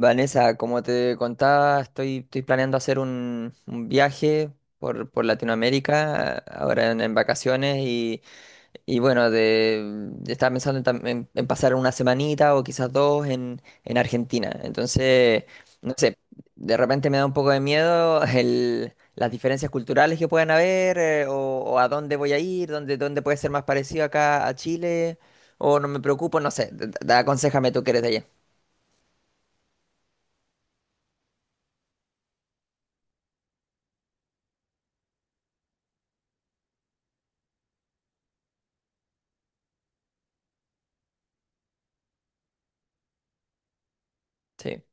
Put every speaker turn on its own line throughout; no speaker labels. Vanessa, como te contaba, estoy planeando hacer un viaje por Latinoamérica, ahora en vacaciones, y bueno, estaba pensando en pasar una semanita o quizás dos en Argentina. Entonces, no sé, de repente me da un poco de miedo las diferencias culturales que puedan haber, o a dónde voy a ir, dónde puede ser más parecido acá a Chile, o no me preocupo, no sé, aconséjame tú que eres de allá. Sí,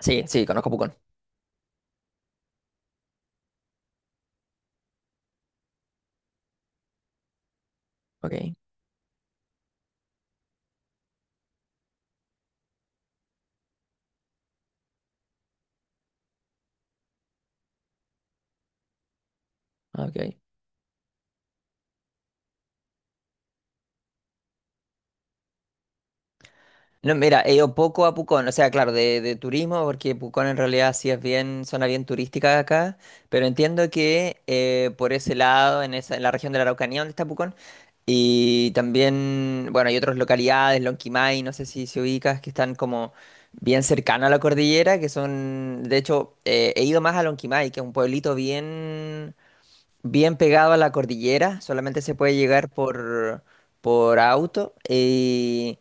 sí, sí, conozco Pucón. Ok, ok. No, mira, he ido poco a Pucón, o sea, claro, de turismo, porque Pucón en realidad sí es bien, zona bien turística acá, pero entiendo que por ese lado, en la región de la Araucanía donde está Pucón, y también, bueno, hay otras localidades, Lonquimay, no sé si se ubicas, que están como bien cercano a la cordillera, que son, de hecho, he ido más a Lonquimay, que es un pueblito bien, bien pegado a la cordillera, solamente se puede llegar por auto. y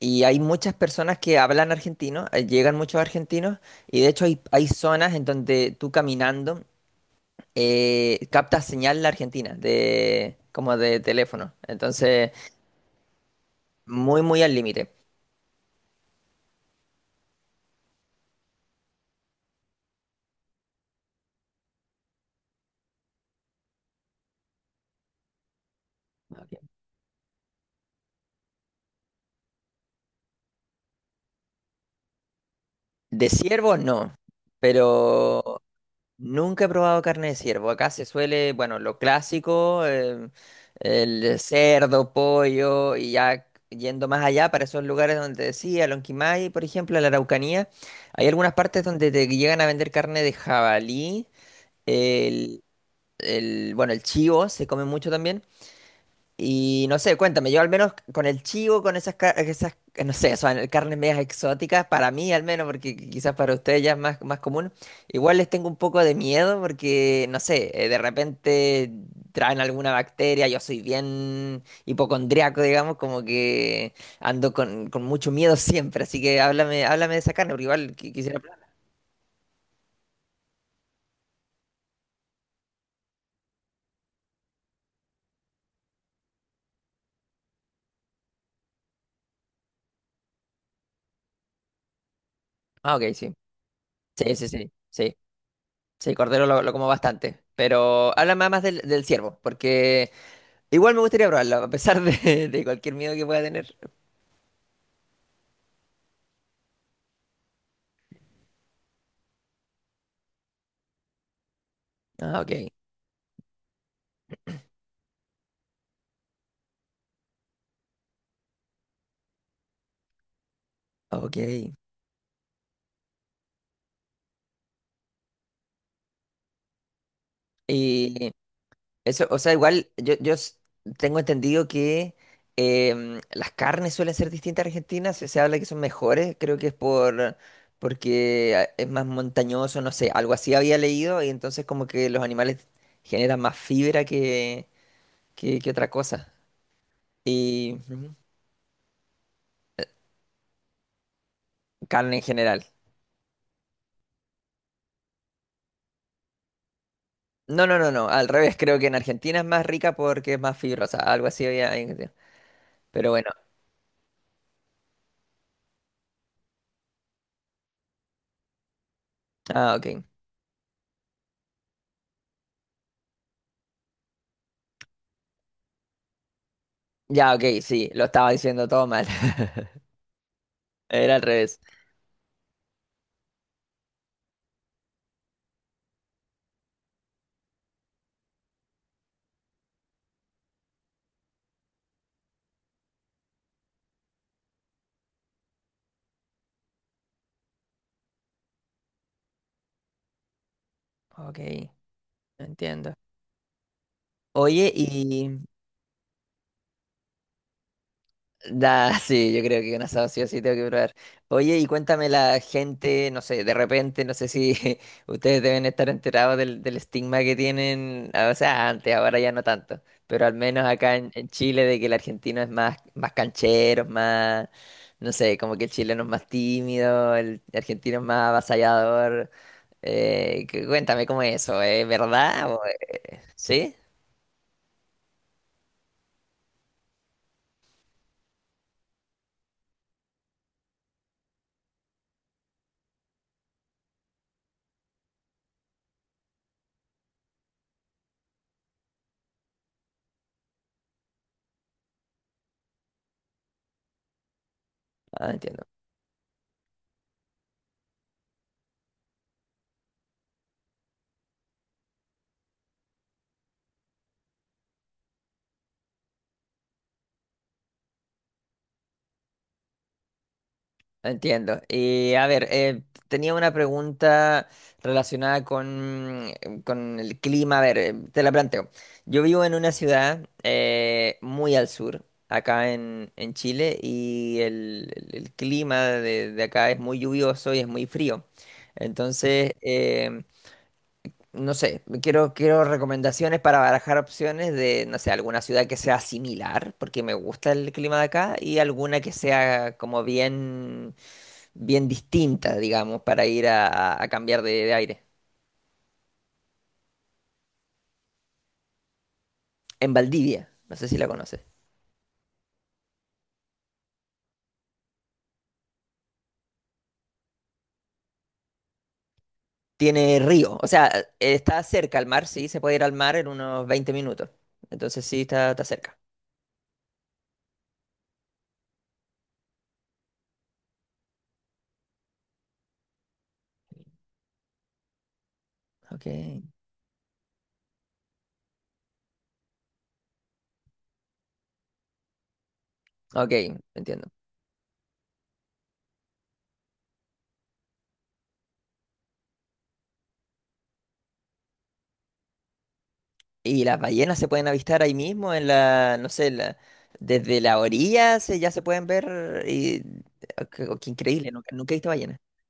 Y hay muchas personas que hablan argentino, llegan muchos argentinos, y de hecho hay zonas en donde tú caminando captas señal de Argentina, como de teléfono. Entonces, muy, muy al límite. Ok. De ciervos no, pero nunca he probado carne de ciervo. Acá se suele, bueno, lo clásico, el cerdo, pollo, y ya yendo más allá para esos lugares donde decía, Lonquimay, por ejemplo, la Araucanía, hay algunas partes donde te llegan a vender carne de jabalí, el, bueno, el chivo se come mucho también. Y no sé, cuéntame, yo al menos con el chivo, con esas, no sé, son carnes medias exóticas, para mí al menos, porque quizás para ustedes ya es más, común, igual les tengo un poco de miedo porque, no sé, de repente traen alguna bacteria, yo soy bien hipocondriaco, digamos, como que ando con mucho miedo siempre, así que háblame de esa carne, porque igual quisiera probar. Ah, ok, sí, sí, sí, sí, sí, sí, cordero lo como bastante, pero háblame más del ciervo, porque. Igual me gustaría probarlo, a pesar de, de cualquier miedo que pueda tener. Ah, ok, ok. Y eso, o sea, igual yo tengo entendido que las carnes suelen ser distintas en Argentina, se habla que son mejores, creo que es porque es más montañoso, no sé, algo así había leído y entonces como que los animales generan más fibra que otra cosa. Y ujú, carne en general. No, no, no, no, al revés, creo que en Argentina es más rica porque es más fibrosa, algo así había. Pero bueno, ah, ok. Ya, ok, sí, lo estaba diciendo todo mal. Era al revés. Ok, entiendo. Oye, y. Da, sí, yo creo que un asado sí o sí tengo que probar. Oye, y cuéntame la gente, no sé, de repente, no sé si ustedes deben estar enterados del estigma que tienen, ah, o sea, antes, ahora ya no tanto, pero al menos acá en Chile de que el argentino es más, canchero, más, no sé, como que el chileno es más tímido, el argentino es más avasallador. Cuéntame cómo es eso, ¿es verdad? ¿Sí? Ah, entiendo, entiendo. Y a ver, tenía una pregunta relacionada con el clima. A ver, te la planteo. Yo vivo en una ciudad muy al sur, acá en Chile, y el clima de acá es muy lluvioso y es muy frío. Entonces. No sé, quiero recomendaciones para barajar opciones de, no sé, alguna ciudad que sea similar, porque me gusta el clima de acá, y alguna que sea como bien, bien distinta, digamos, para ir a cambiar de aire. En Valdivia, no sé si la conoces. Tiene río, o sea, está cerca al mar, sí, se puede ir al mar en unos 20 minutos. Entonces sí, está cerca. Ok, ok, entiendo. Y las ballenas se pueden avistar ahí mismo en la, no sé, desde la orilla ya se pueden ver y o qué increíble, nunca, nunca he visto ballenas.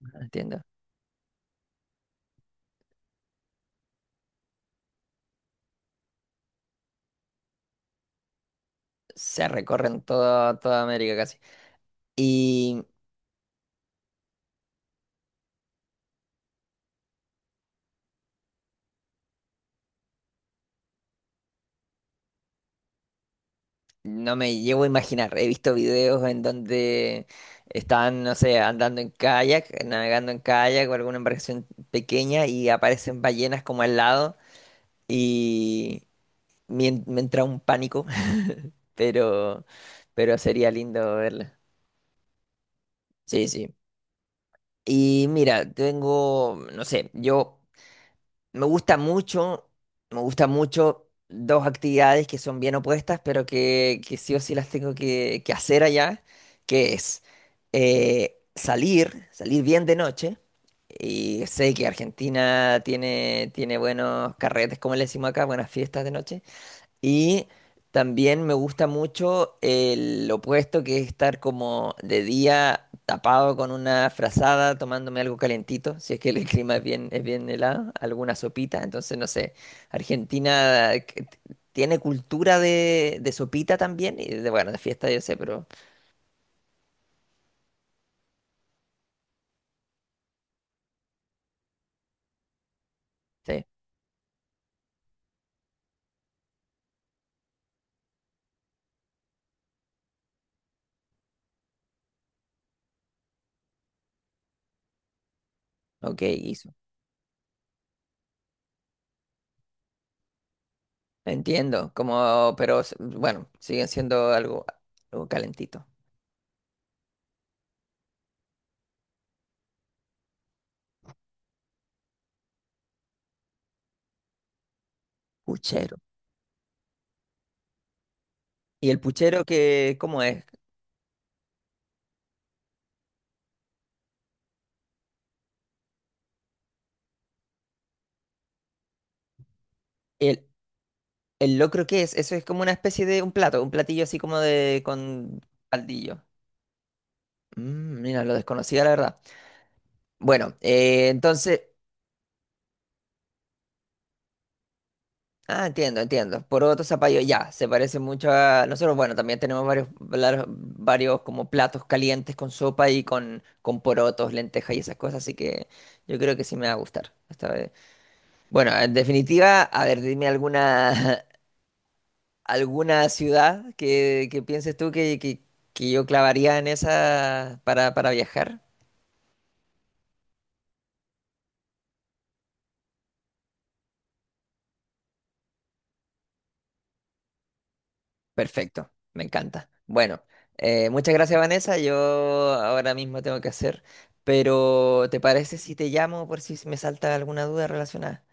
Ah, entiendo. Se recorren toda toda América casi. Y no me llevo a imaginar, he visto videos en donde están, no sé, andando en kayak, navegando en kayak o alguna embarcación pequeña y aparecen ballenas como al lado y me entra un pánico, pero pero sería lindo verlas. Sí, sí. Y mira, tengo, no sé, yo me gusta mucho, me gusta mucho dos actividades que son bien opuestas, pero que sí o sí las tengo que hacer allá, que es salir bien de noche. Y sé que Argentina tiene buenos carretes, como le decimos acá, buenas fiestas de noche. Y también me gusta mucho el opuesto que es estar como de día tapado con una frazada, tomándome algo calentito, si es que el clima es bien helado, alguna sopita. Entonces, no sé, Argentina que tiene cultura de sopita también, y bueno, de fiesta yo sé, pero sí, ok, guiso. Entiendo, como, pero bueno, siguen siendo algo calentito. Puchero. ¿Y el puchero cómo es? ¿El locro qué es? Eso es como una especie de un platillo así como de con caldillo. Mira, lo desconocía la verdad. Bueno, entonces, ah, entiendo, entiendo. Poroto, zapallo, ya, se parece mucho a nosotros. Bueno, también tenemos varios, varios como platos calientes con sopa y con porotos, lentejas y esas cosas, así que yo creo que sí me va a gustar esta vez. Bueno, en definitiva, a ver, ¿dime alguna alguna ciudad que pienses tú que yo clavaría en esa para viajar? Perfecto, me encanta. Bueno, muchas gracias Vanessa, yo ahora mismo tengo que hacer, pero ¿te parece si te llamo por si me salta alguna duda relacionada?